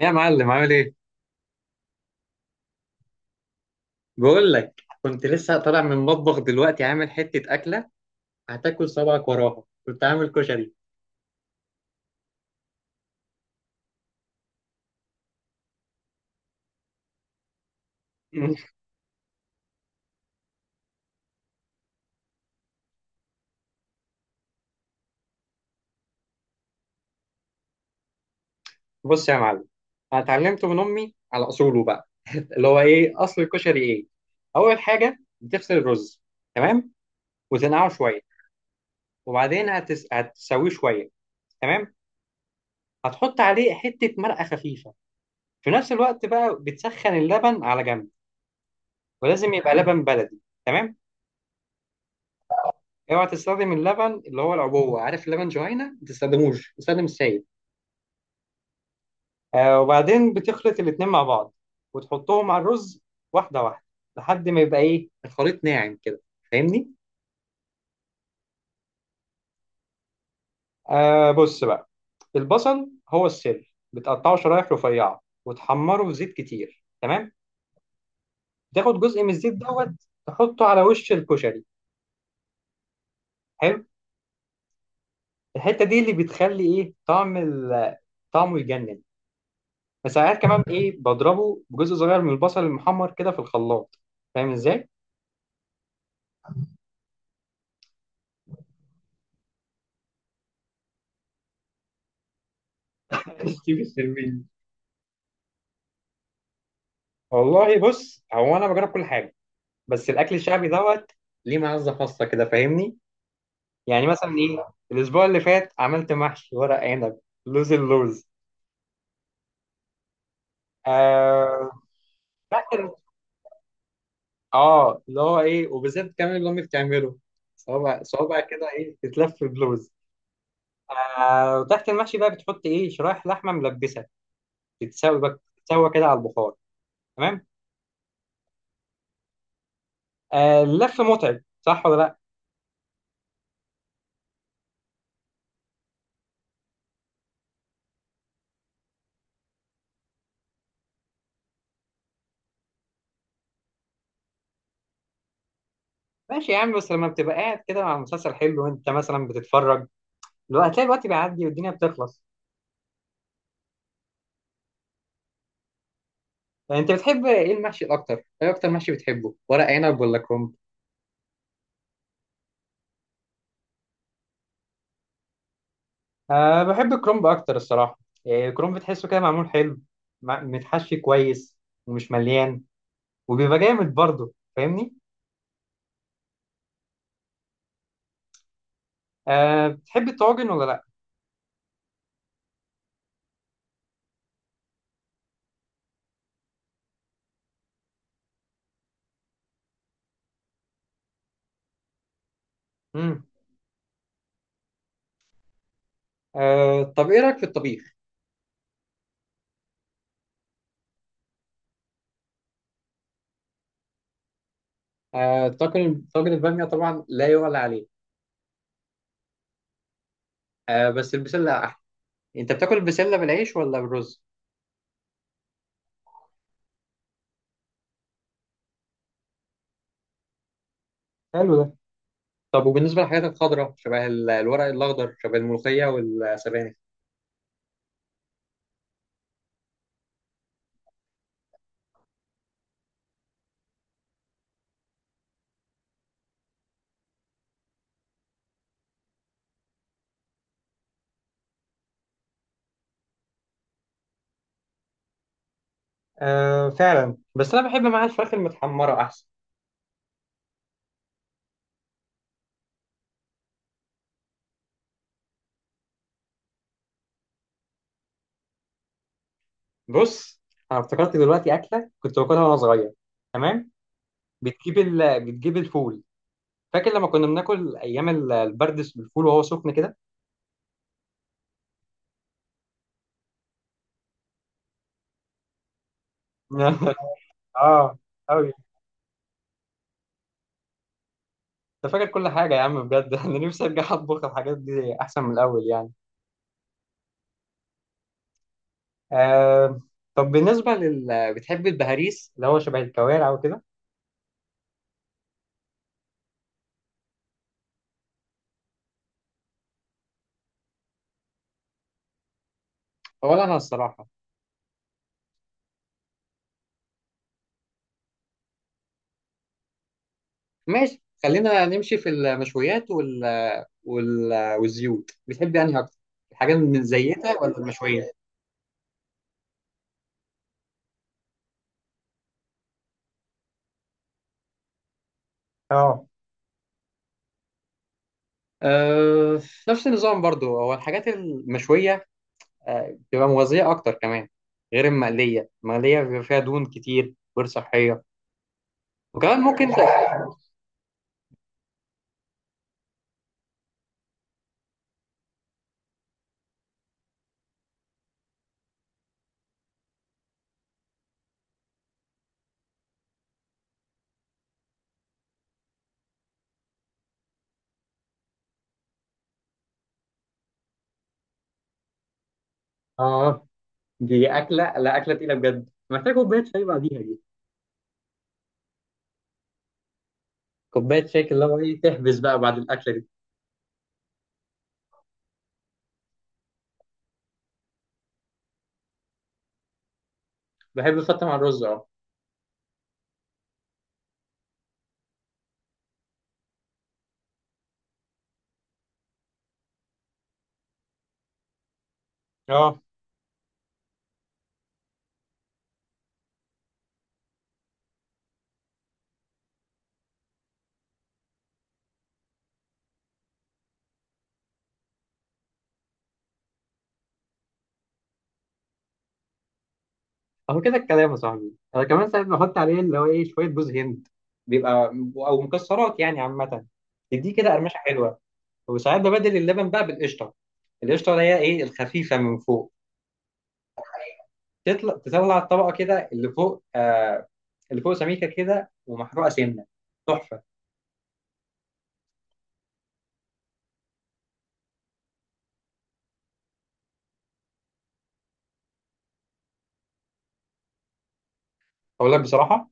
يا معلم، عامل ايه؟ بقول لك كنت لسه طالع من المطبخ دلوقتي، عامل حتة أكلة هتاكل صبعك وراها. كنت عامل كشري. بص يا معلم، أنا اتعلمته من أمي على أصوله بقى. اللي هو ايه أصل الكشري ايه؟ أول حاجة بتغسل الرز. تمام؟ وتنقعه شوية وبعدين هتسويه شوية. تمام؟ هتحط عليه حتة مرقة خفيفة. في نفس الوقت بقى بتسخن اللبن على جنب، ولازم يبقى لبن بلدي. تمام؟ اوعى تستخدم اللبن اللي هو العبوه، عارف اللبن جهينه، ما تستخدموش، استخدم السائل. وبعدين بتخلط الاتنين مع بعض وتحطهم على الرز واحده واحده لحد ما يبقى ايه الخليط ناعم كده، فاهمني. بص بقى، البصل هو السر، بتقطعه شرايح رفيعه وتحمره في زيت كتير. تمام. تاخد جزء من الزيت دوت، تحطه على وش الكشري. حلو. الحته دي اللي بتخلي ايه طعم طعمه يجنن. فساعات كمان ايه بضربه بجزء صغير من البصل المحمر كده في الخلاط. فاهم ازاي؟ ستيف السلمين. والله بص، هو انا بجرب كل حاجه، بس الاكل الشعبي دوت ليه معزه خاصه كده، فاهمني. يعني مثلا ايه الاسبوع اللي فات عملت محشي ورق عنب اللوز. آه فاكر، اه اللي هو ايه، وبالذات كمان اللي امي بتعمله صوابع صوابع كده، ايه تتلف بلوز. وتحت المحشي بقى بتحط ايه شرايح لحمه ملبسه تتسوي بقى تتسوى كده على البخار. تمام. اللف متعب، صح ولا لا؟ ماشي يا عم، بس لما بتبقى قاعد كده مع مسلسل حلو وانت مثلا بتتفرج، لو هتلاقي الوقت بيعدي والدنيا بتخلص. يعني انت بتحب ايه المحشي الاكتر، ايه اكتر محشي بتحبه، ورق عنب ولا كرنب؟ بحب الكرنب اكتر الصراحه. الكرنب بتحسه كده معمول حلو، متحشي كويس ومش مليان وبيبقى جامد برضه، فاهمني. بتحب الطواجن ولا لا؟ امم طب ايه رايك في الطبيخ؟ طاجن الباميه طبعا لا يعلى عليه. بس البسله احلى. انت بتاكل البسله بالعيش ولا بالرز؟ حلو ده. طب وبالنسبه للحاجات الخضراء شبه الورق الاخضر شبه الملوخيه والسبانخ. فعلا، بس انا بحب معاها الفراخ المتحمره احسن. بص، انا افتكرت دلوقتي اكله كنت باكلها وانا صغير. تمام. بتجيب الفول. فاكر لما كنا بناكل ايام البردس بالفول وهو سخن كده. اه قوي. انت فاكر كل حاجه يا عم بجد. انا نفسي ارجع اطبخ الحاجات دي احسن من الاول يعني. آه طب بالنسبة لل بتحب البهاريس اللي هو شبه الكوارع وكده؟ ولا أنا الصراحة. ماشي، خلينا نمشي في المشويات وال... والزيوت، بتحب أنهي أكتر، الحاجات من زيتها ولا المشويات؟ اه. آه، نفس النظام برضو، هو الحاجات المشوية بتبقى مغذية أكتر كمان، غير المقلية، المقلية بيبقى فيها دهون كتير غير صحية، وكمان ممكن اه. دي أكلة، لا أكلة تقيلة بجد، محتاج كوباية شاي بعديها. كوبايه شاي كده، اللي هو ايه تحبس بقى بعد الاكله دي. بحب احطها مع الرز، اه اهو كده الكلام يا صاحبي. انا كمان ساعات بحط عليه اللي هو ايه شويه جوز هند، بيبقى، او مكسرات يعني عامه، تديه كده قرمشه حلوه. وساعات ببدل اللبن بقى بالقشطه، القشطه اللي هي ايه الخفيفه من فوق. تطلع الطبقه كده اللي فوق، آه، اللي فوق سميكه كده ومحروقه سنه، تحفه. اقول لك بصراحه،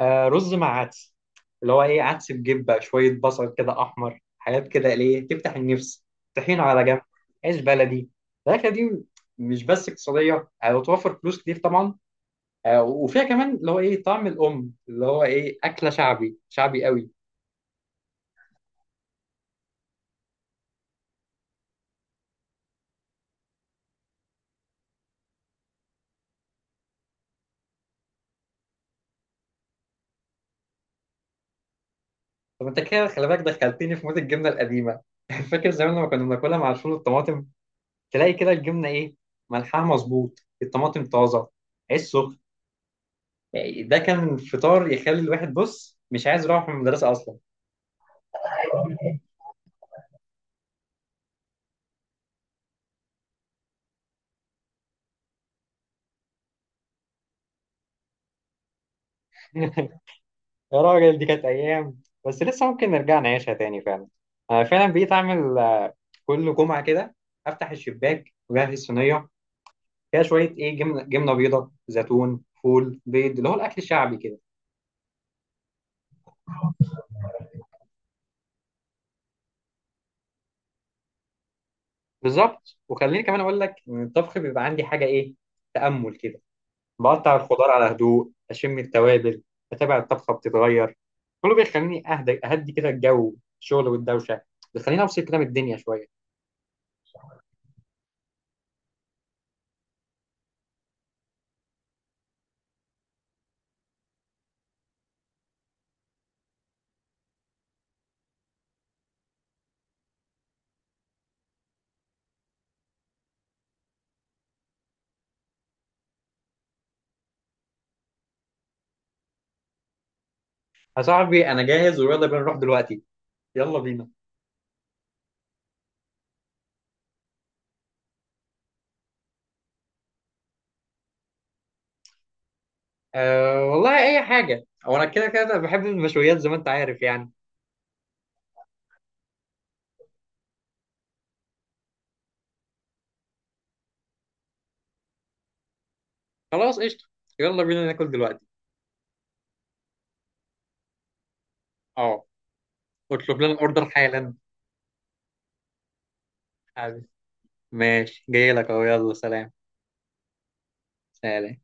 رز مع عدس، اللي هو ايه عدس بجبه شويه بصل كده احمر، حاجات كده ليه تفتح النفس، طحينه على جنب، عيش بلدي. الاكله دي مش بس اقتصاديه وتوفر فلوس كتير طبعا، وفيها كمان اللي هو ايه طعم الام، اللي هو ايه اكله شعبي شعبي قوي. طب انت كده خلي بالك دخلتني في مود الجبنه القديمه. فاكر زمان لما كنا بناكلها مع الفول والطماطم، تلاقي كده الجبنه ايه ملحها مظبوط، الطماطم طازه، عيش سخن. يعني ده كان فطار يخلي الواحد بص مش عايز يروح من المدرسة أصلا. يا راجل، دي كانت أيام، بس لسه ممكن نرجع نعيشها تاني فعلا. أنا فعلا بقيت أعمل كل جمعة كده أفتح الشباك وأجهز صينية فيها شوية إيه جبنة جبنة بيضة زيتون فول بيض، اللي هو الأكل الشعبي كده. بالظبط، وخليني كمان أقول لك إن الطبخ بيبقى عندي حاجة إيه تأمل كده، بقطع الخضار على هدوء، اشم التوابل، اتابع الطبخه بتتغير، كله بيخليني اهدى اهدي كده، الجو الشغل والدوشه بيخليني افصل كده من الدنيا شويه. يا صاحبي انا جاهز ويلا بينا نروح دلوقتي. يلا بينا. أه والله اي حاجه، او انا كده كده بحب المشويات زي ما انت عارف يعني. خلاص، قشطه، يلا بينا ناكل دلوقتي. اه، اطلب لنا الاوردر حالا. حاضر. ماشي، جاي لك اهو، يلا سلام. سلام.